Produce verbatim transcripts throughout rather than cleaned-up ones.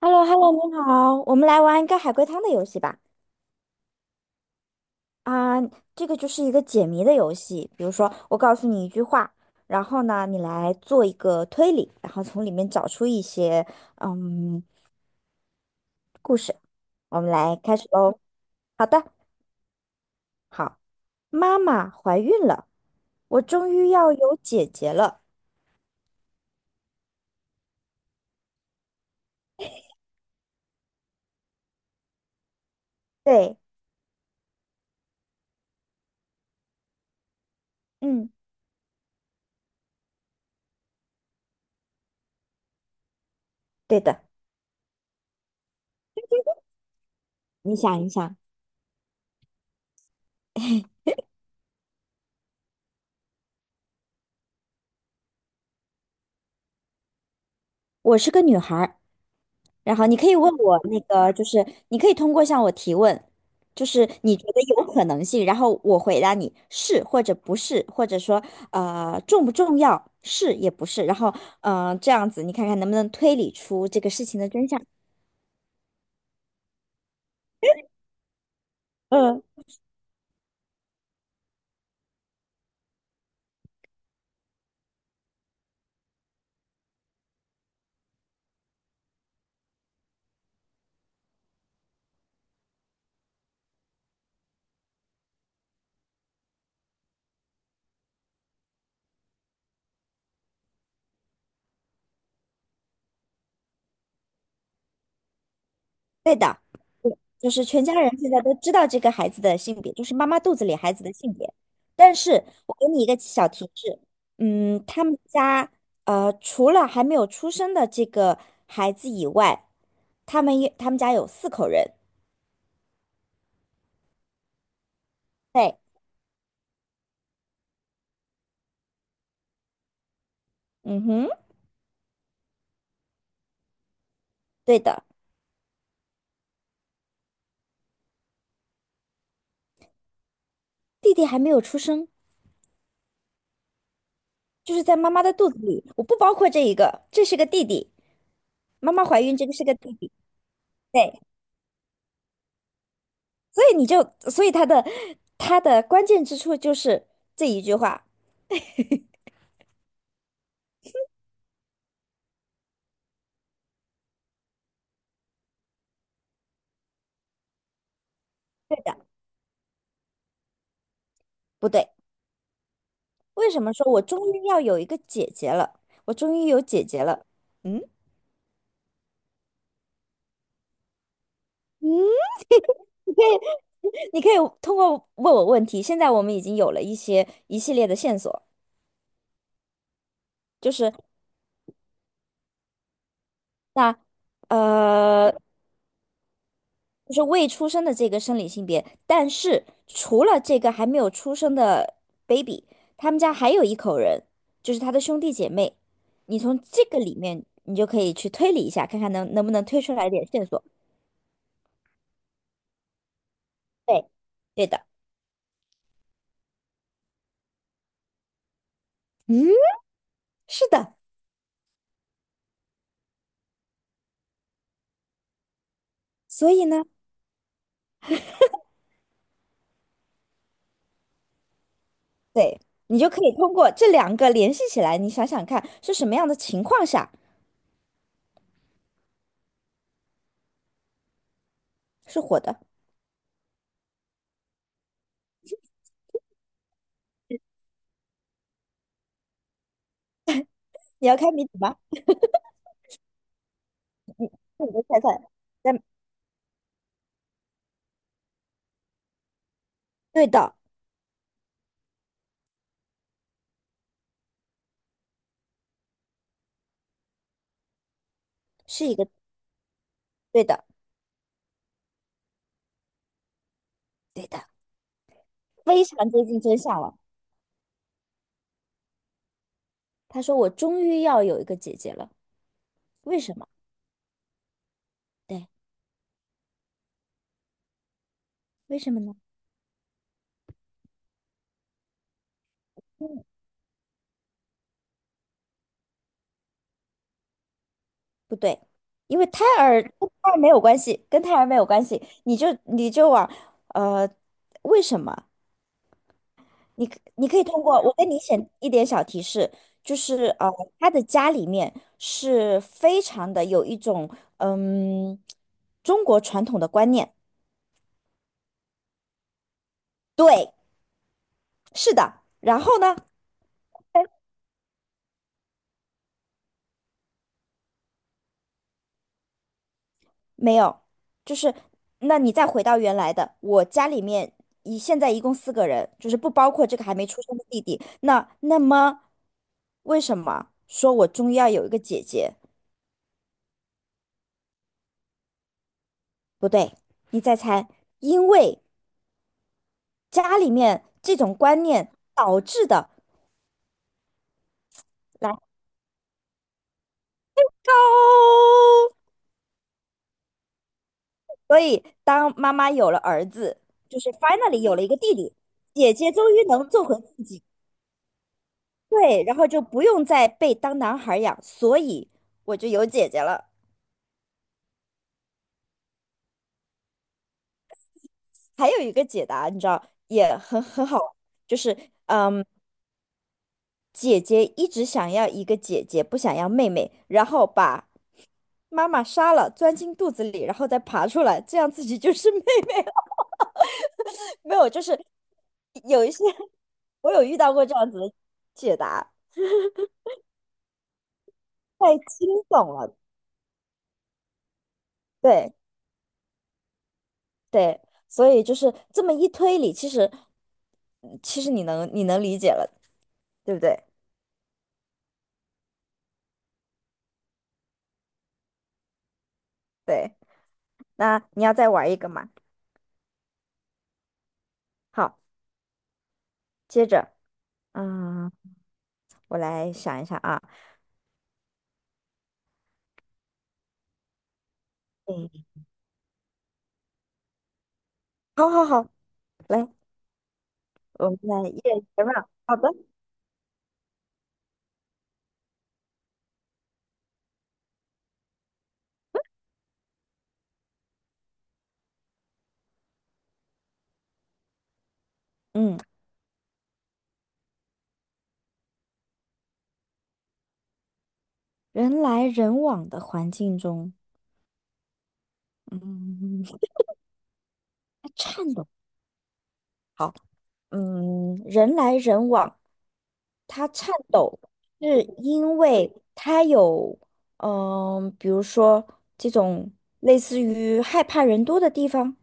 h e l l o h e l l o 你好，我们来玩一个海龟汤的游戏吧。啊、这个就是一个解谜的游戏，比如说我告诉你一句话，然后呢，你来做一个推理，然后从里面找出一些嗯故事。我们来开始喽。好的，好，妈妈怀孕了，我终于要有姐姐了。对，嗯，对的，你想一想，我是个女孩儿。然后你可以问我那个，就是你可以通过向我提问，就是你觉得有可能性，然后我回答你是或者不是，或者说呃重不重要，是也不是，然后嗯、呃这样子你看看能不能推理出这个事情的真相。嗯，对的。就是全家人现在都知道这个孩子的性别，就是妈妈肚子里孩子的性别。但是我给你一个小提示，嗯，他们家呃，除了还没有出生的这个孩子以外，他们也他们家有四口人。对，嗯哼，对的，弟弟还没有出生，就是在妈妈的肚子里，我不包括这一个，这是个弟弟，妈妈怀孕，这个是个弟弟。对，所以你就，所以他的他的关键之处就是这一句话。对的，不对。为什么说我终于要有一个姐姐了？我终于有姐姐了。嗯，嗯，你可以通过问我问题。现在我们已经有了一些一系列的线索，就是那呃，就是未出生的这个生理性别，但是除了这个还没有出生的 baby，他们家还有一口人，就是他的兄弟姐妹。你从这个里面，你就可以去推理一下，看看能能不能推出来一点线索。对，对的。嗯，是的。所以呢？对，你就可以通过这两个联系起来，你想想看是什么样的情况下是火的？你要开谜底吗？那你就猜猜。但对的，是一个对的，对的，非常接近真相了。他说：“我终于要有一个姐姐了，为什么？对，为什么呢？嗯，不对，因为胎儿跟胎儿没有关系，跟胎儿没有关系。你就你就往呃，为什么？你可你可以通过我跟你写一点小提示，就是呃，他的家里面是非常的有一种嗯中国传统的观念，对，是的。然后呢，没有，就是那你再回到原来的，我家里面一现在一共四个人，就是不包括这个还没出生的弟弟。那那么为什么说我终于要有一个姐姐？不对，你再猜，因为。家里面这种观念导致的来高，所以当妈妈有了儿子，就是 finally 有了一个弟弟，姐姐终于能做回自己，对，然后就不用再被当男孩养，所以我就有姐姐了。还有一个解答，你知道也很很好玩就是嗯，姐姐一直想要一个姐姐，不想要妹妹，然后把妈妈杀了，钻进肚子里，然后再爬出来，这样自己就是妹妹。没有，就是有一些 我有遇到过这样子的解答，太惊悚了。对对，所以就是这么一推理，其实嗯其实你能你能理解了，对不对？对，那你要再玩一个嘛？好，接着，嗯，我来想一下啊。嗯，好好好，来，我们来验人一个 round 好的。嗯，人来人往的环境中，嗯，颤抖。好，嗯，人来人往。他颤抖是因为他有，嗯、比如说这种类似于害怕人多的地方，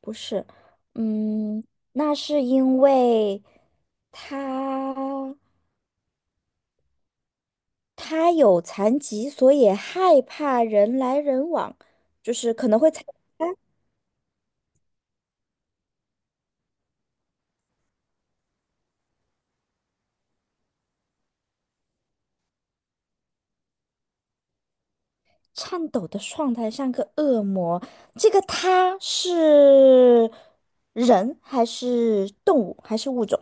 不是，嗯，那是因为他他有残疾，所以害怕人来人往，就是可能会在颤抖的状态，像个恶魔。这个他是人还是动物还是物种？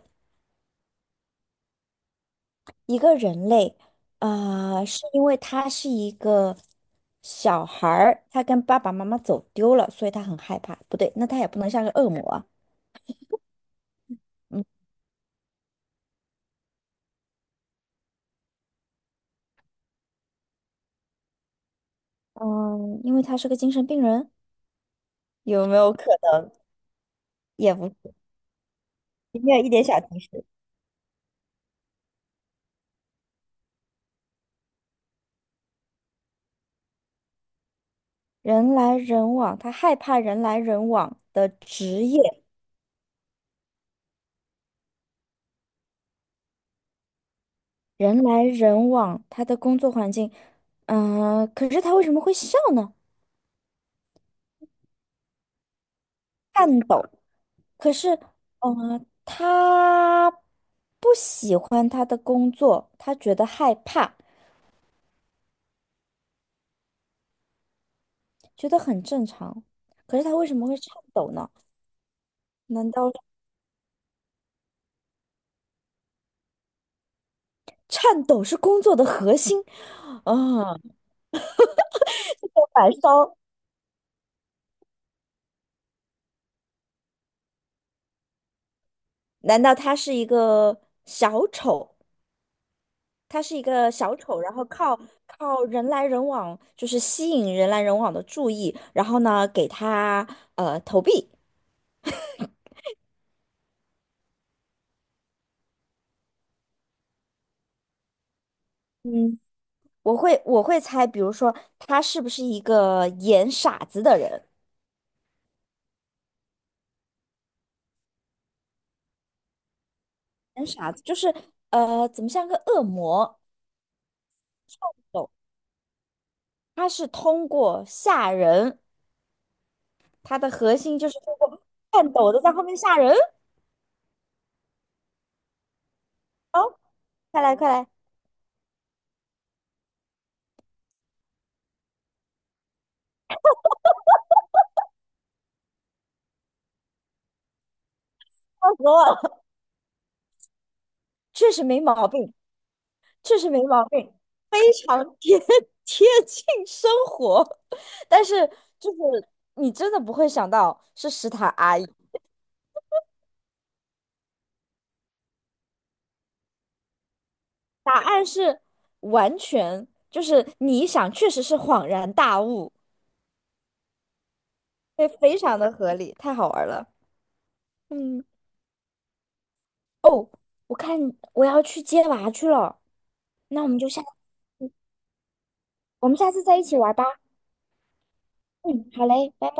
一个人类，呃，是因为他是一个小孩儿，他跟爸爸妈妈走丢了，所以他很害怕。不对，那他也不能像个恶魔啊。嗯 嗯，因为他是个精神病人，有没有可能？也不是，没有一点小提示。人来人往，他害怕人来人往的职业，人来人往，他的工作环境。嗯、可是他为什么会笑呢？颤抖。可是，嗯、他不喜欢他的工作，他觉得害怕，觉得很正常。可是他为什么会颤抖呢？难道颤抖是工作的核心？啊、白烧，难道他是一个小丑？他是一个小丑，然后靠靠人来人往，就是吸引人来人往的注意，然后呢，给他呃投币。嗯，我会我会猜，比如说他是不是一个演傻子的人？演傻子就是呃，怎么像个恶魔？懂？他是通过吓人，他的核心就是通过颤抖的在后面吓人。哦，快来快来，笑死我了！确实没毛病，确实没毛病，非常贴 贴近生活。但是就是你真的不会想到是食堂阿姨。答案是完全，就是你一想，确实是恍然大悟，对，非常的合理，太好玩了。嗯，哦，我看我要去接娃去了，那我们就下，我们下次再一起玩吧。嗯，好嘞，拜拜。